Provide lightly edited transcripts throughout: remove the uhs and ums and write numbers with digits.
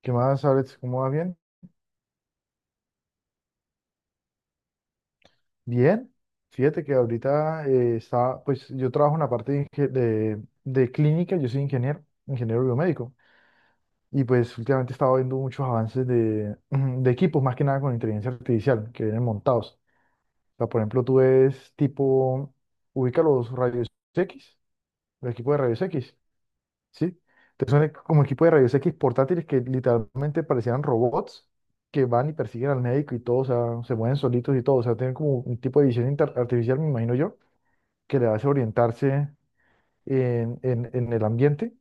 ¿Qué más, Alex? ¿Cómo vas? ¿Bien? Bien. Fíjate que ahorita estaba, pues yo trabajo en la parte de, de clínica, yo soy ingeniero, ingeniero biomédico, y pues últimamente he estado viendo muchos avances de equipos, más que nada con inteligencia artificial, que vienen montados. O sea, por ejemplo, tú ves tipo, ubica los rayos X, los equipos de rayos X. ¿Sí? Entonces son como equipo de rayos X portátiles que literalmente parecían robots que van y persiguen al médico y todo, o sea, se mueven solitos y todo, o sea, tienen como un tipo de visión artificial, me imagino yo, que le hace orientarse en el ambiente.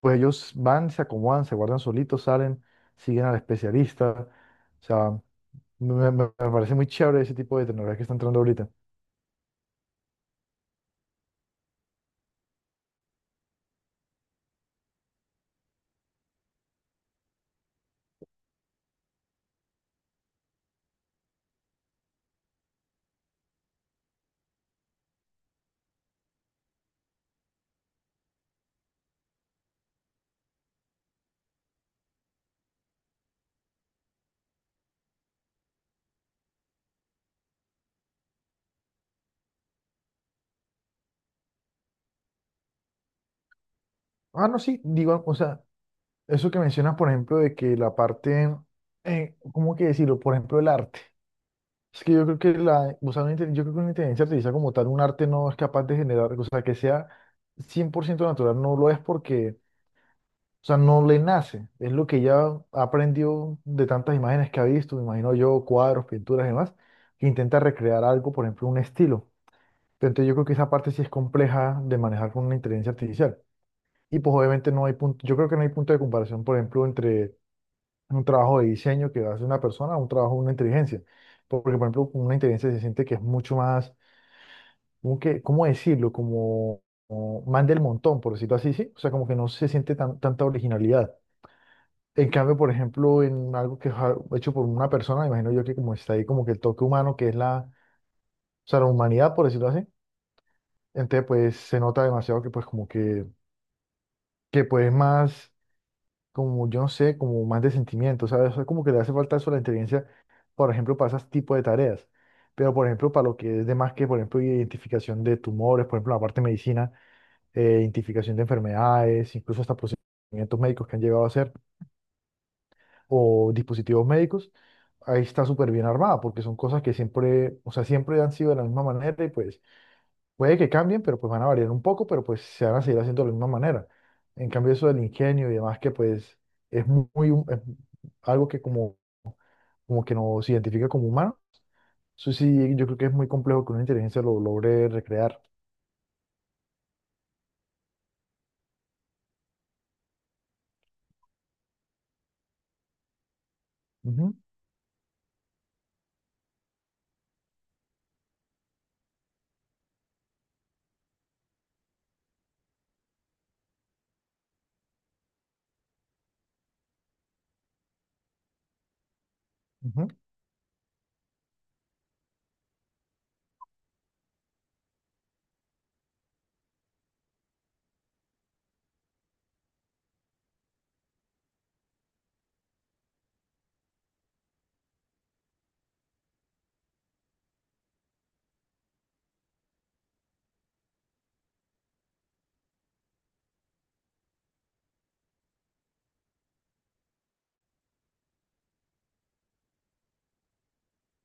Pues ellos van, se acomodan, se guardan solitos, salen, siguen al especialista. O sea, me parece muy chévere ese tipo de tecnología que está entrando ahorita. Ah, no, sí, digo, o sea, eso que mencionas, por ejemplo, de que la parte, ¿cómo que decirlo? Por ejemplo, el arte. Es que yo creo que la, o sea, yo creo que una inteligencia artificial como tal, un arte no es capaz de generar, o sea, que sea 100% natural, no lo es porque, o sea, no le nace. Es lo que ya aprendió de tantas imágenes que ha visto, me imagino yo, cuadros, pinturas y demás, que intenta recrear algo, por ejemplo, un estilo. Pero entonces yo creo que esa parte sí es compleja de manejar con una inteligencia artificial. Y pues obviamente no hay punto, yo creo que no hay punto de comparación, por ejemplo, entre un trabajo de diseño que hace una persona a un trabajo de una inteligencia. Porque, por ejemplo, con una inteligencia se siente que es mucho más como que, ¿cómo decirlo? Como man del montón, por decirlo así, ¿sí? O sea, como que no se siente tanta originalidad. En cambio, por ejemplo, en algo que es hecho por una persona, me imagino yo que como está ahí como que el toque humano, que es la, o sea, la humanidad, por decirlo así, entonces pues se nota demasiado que pues como que pues más, como yo no sé, como más de sentimiento, ¿sabes? O sea, como que le hace falta eso a la inteligencia, por ejemplo, para ese tipo de tareas. Pero, por ejemplo, para lo que es de más que, por ejemplo, identificación de tumores, por ejemplo, la parte de medicina identificación de enfermedades, incluso hasta procedimientos médicos que han llegado a hacer o dispositivos médicos, ahí está súper bien armada porque son cosas que siempre, o sea, siempre han sido de la misma manera y pues puede que cambien, pero pues van a variar un poco, pero pues se van a seguir haciendo de la misma manera. En cambio, eso del ingenio y demás que pues es muy, es algo que como que nos identifica como humanos, eso sí, yo creo que es muy complejo que una inteligencia lo logre recrear. Ujú, ujú.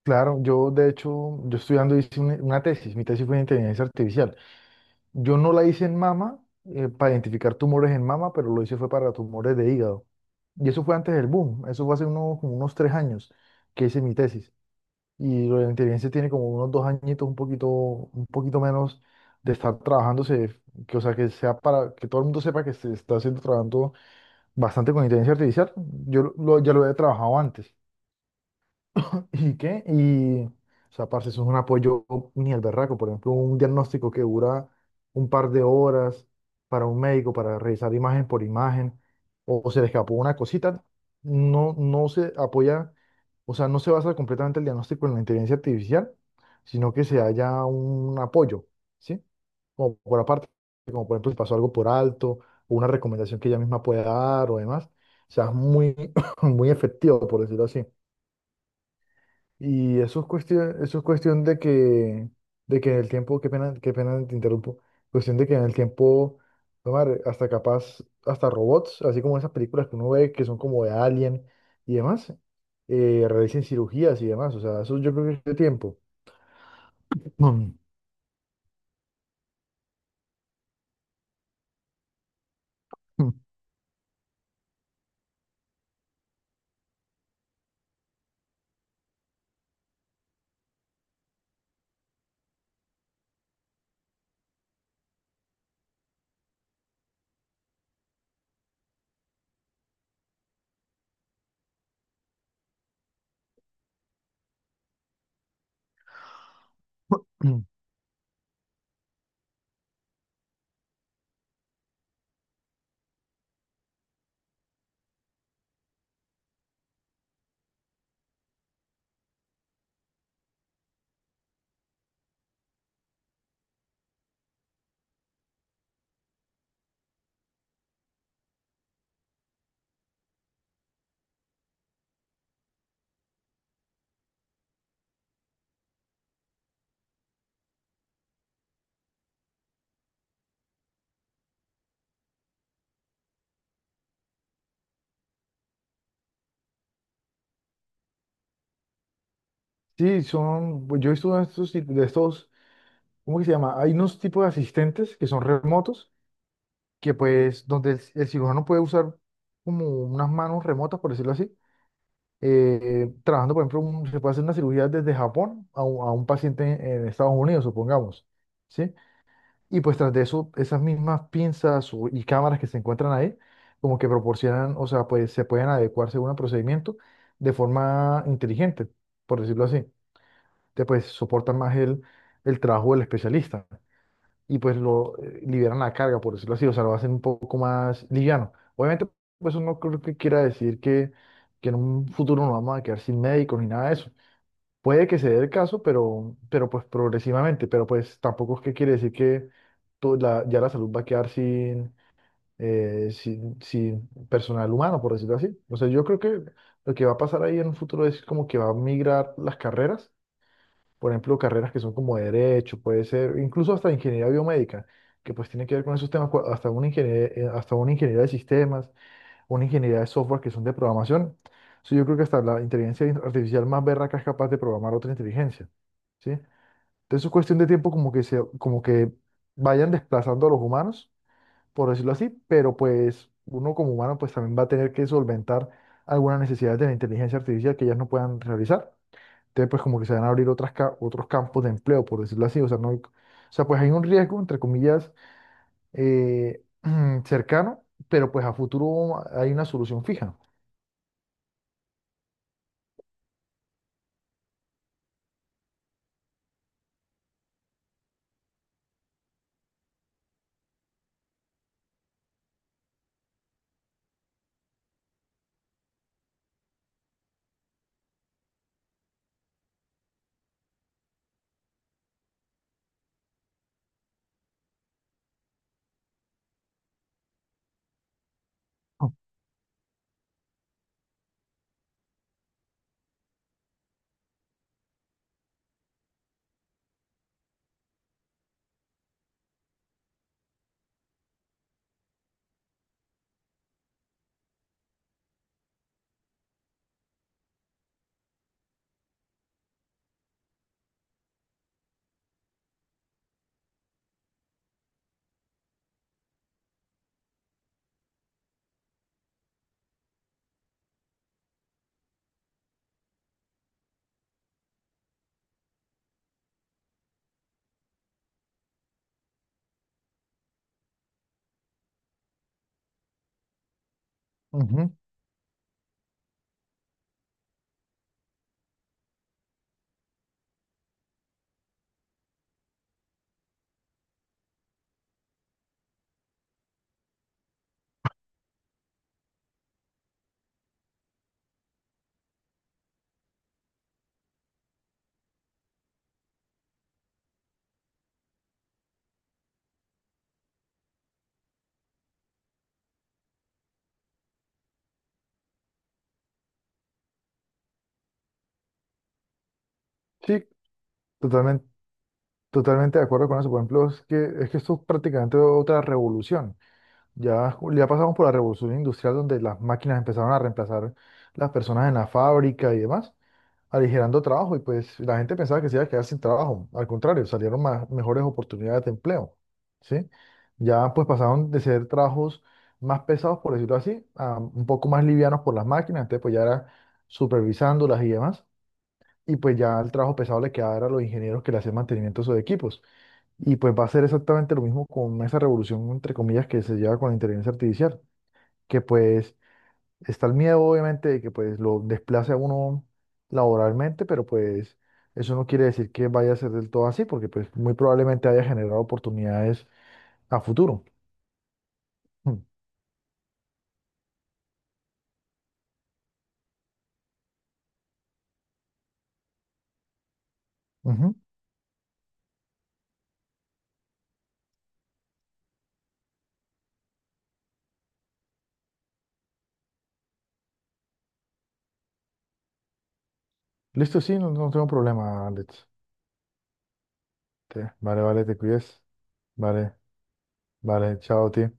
Claro, yo de hecho, yo estudiando hice una tesis, mi tesis fue en inteligencia artificial. Yo no la hice en mama, para identificar tumores en mama, pero lo hice fue para tumores de hígado. Y eso fue antes del boom, eso fue hace unos, como unos 3 años que hice mi tesis. Y lo de la inteligencia tiene como unos 2 añitos, un poquito menos de estar trabajándose, que, o sea, que sea para que todo el mundo sepa que se está haciendo trabajando bastante con inteligencia artificial. Yo ya lo había trabajado antes. ¿Y qué? Y, o sea, parce, eso es un apoyo ni el berraco. Por ejemplo, un diagnóstico que dura un par de horas para un médico para revisar imagen por imagen, o se le escapó una cosita, no se apoya, o sea, no se basa completamente el diagnóstico en la inteligencia artificial, sino que se haya un apoyo, ¿sí? Como por aparte, como por ejemplo, si pasó algo por alto, o una recomendación que ella misma pueda dar o demás, o sea, es muy efectivo, por decirlo así. Y eso es cuestión de que en el tiempo, qué pena te interrumpo, cuestión de que en el tiempo, tomar hasta capaz, hasta robots, así como esas películas que uno ve que son como de Alien y demás, realicen cirugías y demás, o sea, eso yo creo que es tiempo. Mm. Sí, son, pues yo he visto uno de estos, de estos, ¿cómo que se llama? Hay unos tipos de asistentes que son remotos, que pues, donde el cirujano puede usar como unas manos remotas, por decirlo así, trabajando, por ejemplo, se puede hacer una cirugía desde Japón a un, paciente en Estados Unidos, supongamos, ¿sí? Y pues tras de eso, esas mismas pinzas y cámaras que se encuentran ahí, como que proporcionan, o sea, pues se pueden adecuar según el procedimiento de forma inteligente, por decirlo así. Entonces, pues soportan más el trabajo del especialista y pues lo liberan la carga, por decirlo así, o sea, lo hacen un poco más liviano. Obviamente, pues eso no creo que quiera decir que en un futuro nos vamos a quedar sin médicos ni nada de eso. Puede que se dé el caso, pero pues progresivamente, pero pues tampoco es que quiere decir que ya la salud va a quedar sin personal humano, por decirlo así. O sea, yo creo que lo que va a pasar ahí en un futuro es como que va a migrar las carreras, por ejemplo, carreras que son como derecho, puede ser, incluso hasta ingeniería biomédica, que pues tiene que ver con esos temas, hasta una ingeniería de sistemas, una ingeniería de software que son de programación. So, yo creo que hasta la inteligencia artificial más berraca es capaz de programar otra inteligencia, ¿sí? Entonces es cuestión de tiempo como que se, como que vayan desplazando a los humanos, por decirlo así, pero pues uno como humano pues también va a tener que solventar algunas necesidades de la inteligencia artificial que ellas no puedan realizar. Entonces, pues como que se van a abrir otras, otros campos de empleo, por decirlo así. O sea, no hay- o sea, pues hay un riesgo, entre comillas, eh, cercano, pero pues a futuro hay una solución fija. Ujú. Sí, totalmente, totalmente de acuerdo con eso. Por ejemplo, es que esto es prácticamente otra revolución. Ya, ya pasamos por la revolución industrial donde las máquinas empezaron a reemplazar las personas en la fábrica y demás, aligerando trabajo y pues la gente pensaba que se iba a quedar sin trabajo. Al contrario, salieron más, mejores oportunidades de empleo, ¿sí? Ya pues pasaron de ser trabajos más pesados, por decirlo así, a un poco más livianos por las máquinas, entonces pues ya era supervisándolas y demás. Y pues ya el trabajo pesado le quedaba era a los ingenieros que le hacían mantenimiento a sus equipos. Y pues va a ser exactamente lo mismo con esa revolución, entre comillas, que se lleva con la inteligencia artificial, que pues está el miedo, obviamente, de que pues lo desplace a uno laboralmente, pero pues eso no quiere decir que vaya a ser del todo así, porque pues muy probablemente haya generado oportunidades a futuro. Mm, ujú. Listo, sí, no, no tengo problema, Alex. Vale, vale, te cuides. Vale, vale, chao, tío.